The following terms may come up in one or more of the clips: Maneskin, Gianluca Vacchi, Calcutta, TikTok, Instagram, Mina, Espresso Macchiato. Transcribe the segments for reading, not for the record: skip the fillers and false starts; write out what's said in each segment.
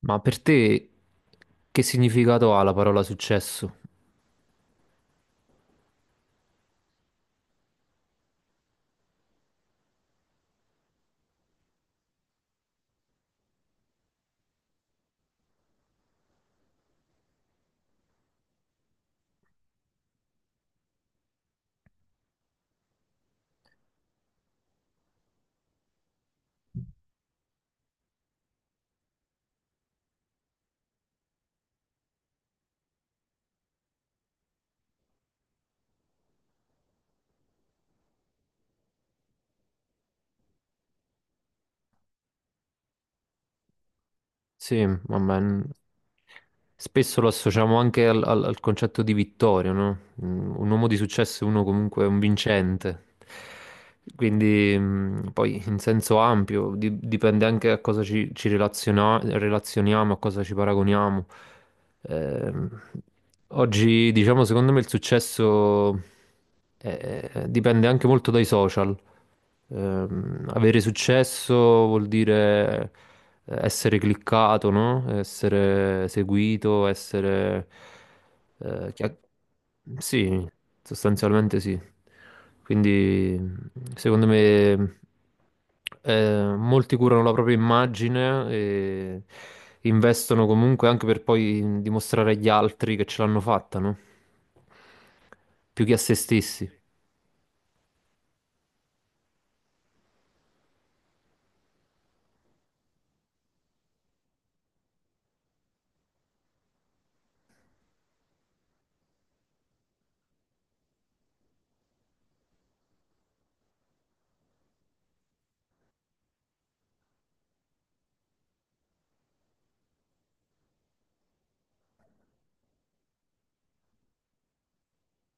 Ma per te che significato ha la parola successo? Sì, vabbè, spesso lo associamo anche al, al concetto di vittoria, no? Un uomo di successo è uno comunque un vincente. Quindi, poi in senso ampio, dipende anche a cosa ci relazioniamo, a cosa ci paragoniamo. Ehm, Oggi, diciamo, secondo me il successo dipende anche molto dai social. Avere successo vuol dire essere cliccato, no? Essere seguito, eh, chia- Sì, sostanzialmente sì. Quindi secondo me molti curano la propria immagine e investono comunque anche per poi dimostrare agli altri che ce l'hanno fatta, no? Più che a se stessi.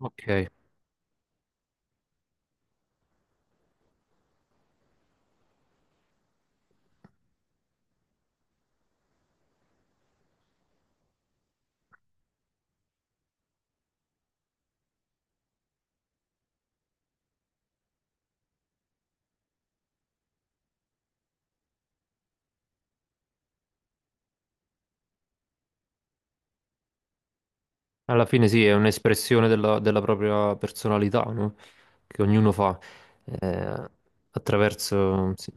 Ok. Alla fine sì, è un'espressione della, della propria personalità, no? Che ognuno fa eh, attraverso... sì.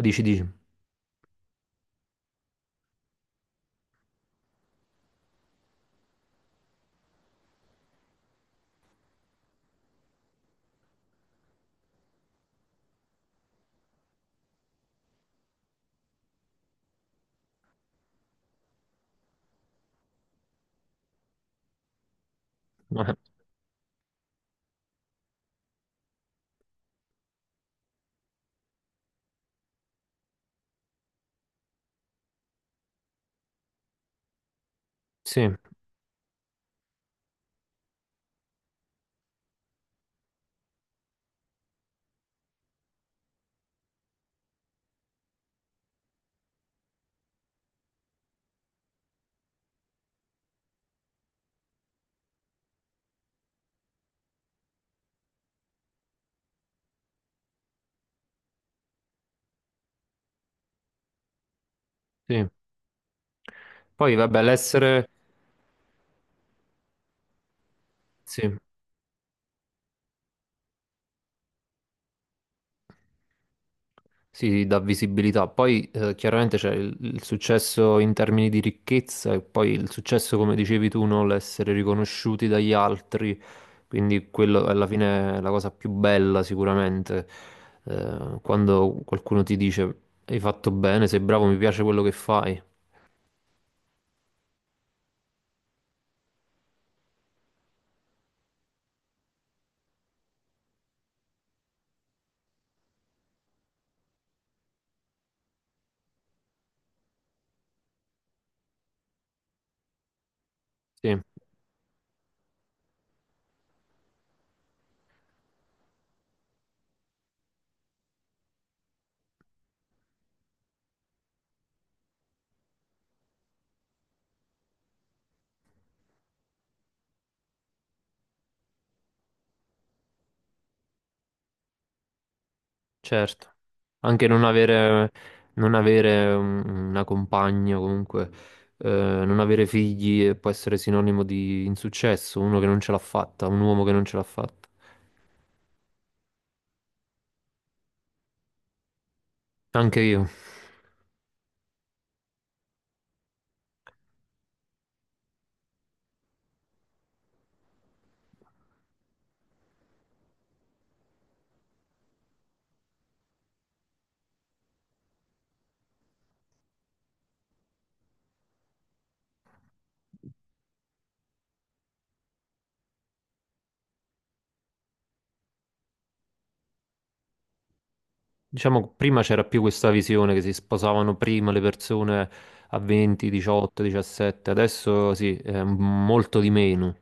Dici, dici. Eh, sì, sì. Poi vabbè, l'essere... Sì. Sì, sì, dà visibilità. Poi chiaramente c'è il successo in termini di ricchezza e poi il successo, come dicevi tu, no? L'essere riconosciuti dagli altri. Quindi quello alla fine è la cosa più bella sicuramente. Quando qualcuno ti dice hai fatto bene, sei bravo, mi piace quello che fai. Sì. Certo, anche non avere, non avere una compagna, comunque, eh, non avere figli può essere sinonimo di insuccesso, uno che non ce l'ha fatta, un uomo che non ce l'ha fatta. Anche io. Diciamo, prima c'era più questa visione che si sposavano prima le persone a 20, 18, 17, adesso sì, è molto di meno.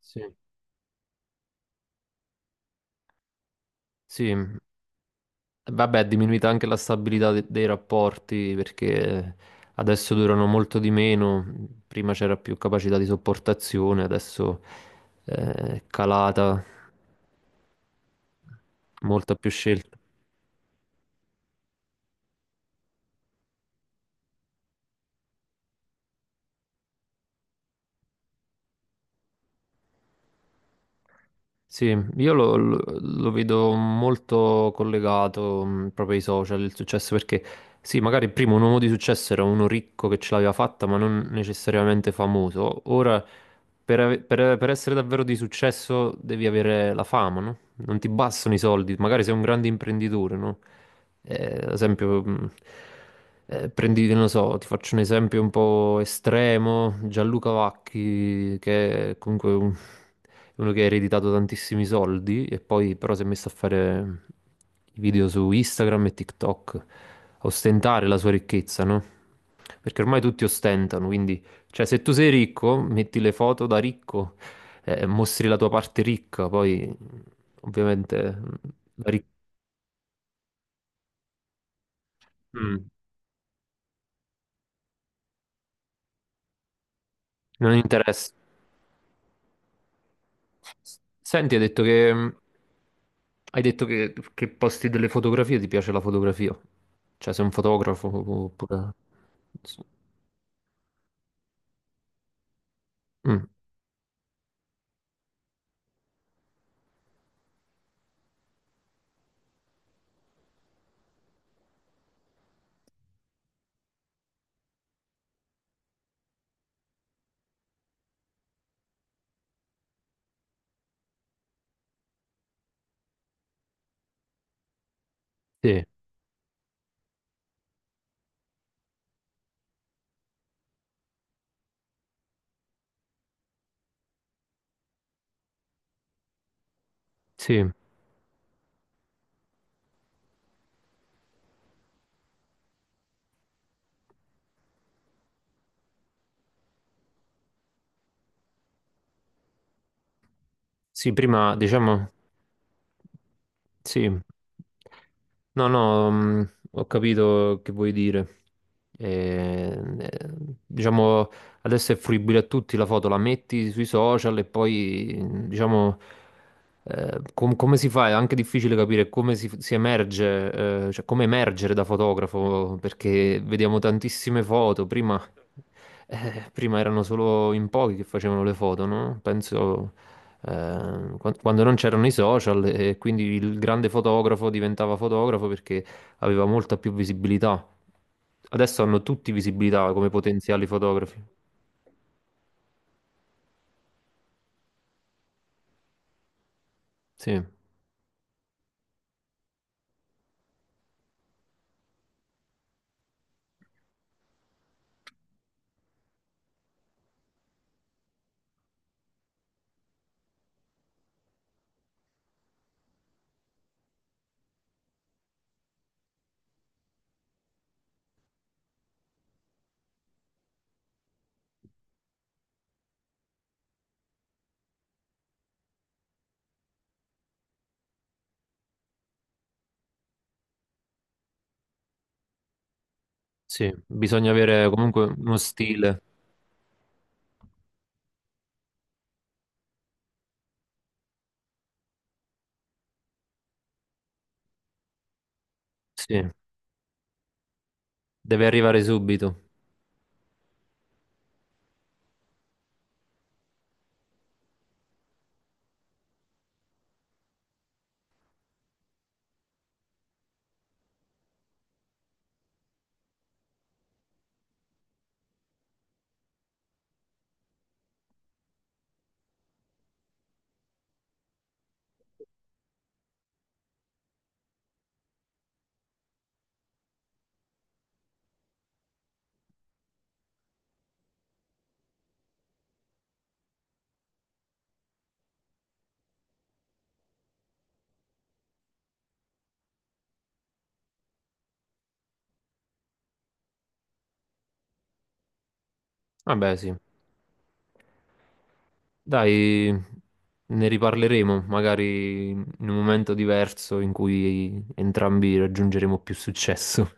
Sì. Sì, vabbè, è diminuita anche la stabilità dei rapporti perché adesso durano molto di meno, prima c'era più capacità di sopportazione, adesso è calata, molta più scelta. Sì, io lo vedo molto collegato proprio ai social, il successo, perché sì, magari prima un uomo di successo era uno ricco che ce l'aveva fatta, ma non necessariamente famoso. Ora, per essere davvero di successo devi avere la fama, no? Non ti bastano i soldi, magari sei un grande imprenditore, no? Ad esempio, prendi, non lo so, ti faccio un esempio un po' estremo, Gianluca Vacchi, che è comunque un- uno che ha ereditato tantissimi soldi e poi però si è messo a fare i video su Instagram e TikTok, a ostentare la sua ricchezza, no? Perché ormai tutti ostentano, quindi, cioè, se tu sei ricco, metti le foto da ricco, mostri la tua parte ricca, poi ovviamente la ricchezza non interessa. Senti, hai detto che posti delle fotografie, ti piace la fotografia? Cioè, sei un fotografo oppure... Mm, sì, sì. Sì, prima diciamo... Sì, no, no, ho capito che vuoi dire. Eh, eh, diciamo, adesso è fruibile a tutti la foto, la metti sui social e poi, diciamo, come si fa? È anche difficile capire come si emerge, cioè come emergere da fotografo, perché vediamo tantissime foto. Prima, prima erano solo in pochi che facevano le foto, no? Penso quando non c'erano i social e quindi il grande fotografo diventava fotografo perché aveva molta più visibilità. Adesso hanno tutti visibilità come potenziali fotografi. Sì, sì, bisogna avere comunque uno stile. Sì, deve arrivare subito. Vabbè, sì. Dai, ne riparleremo magari in un momento diverso in cui entrambi raggiungeremo più successo.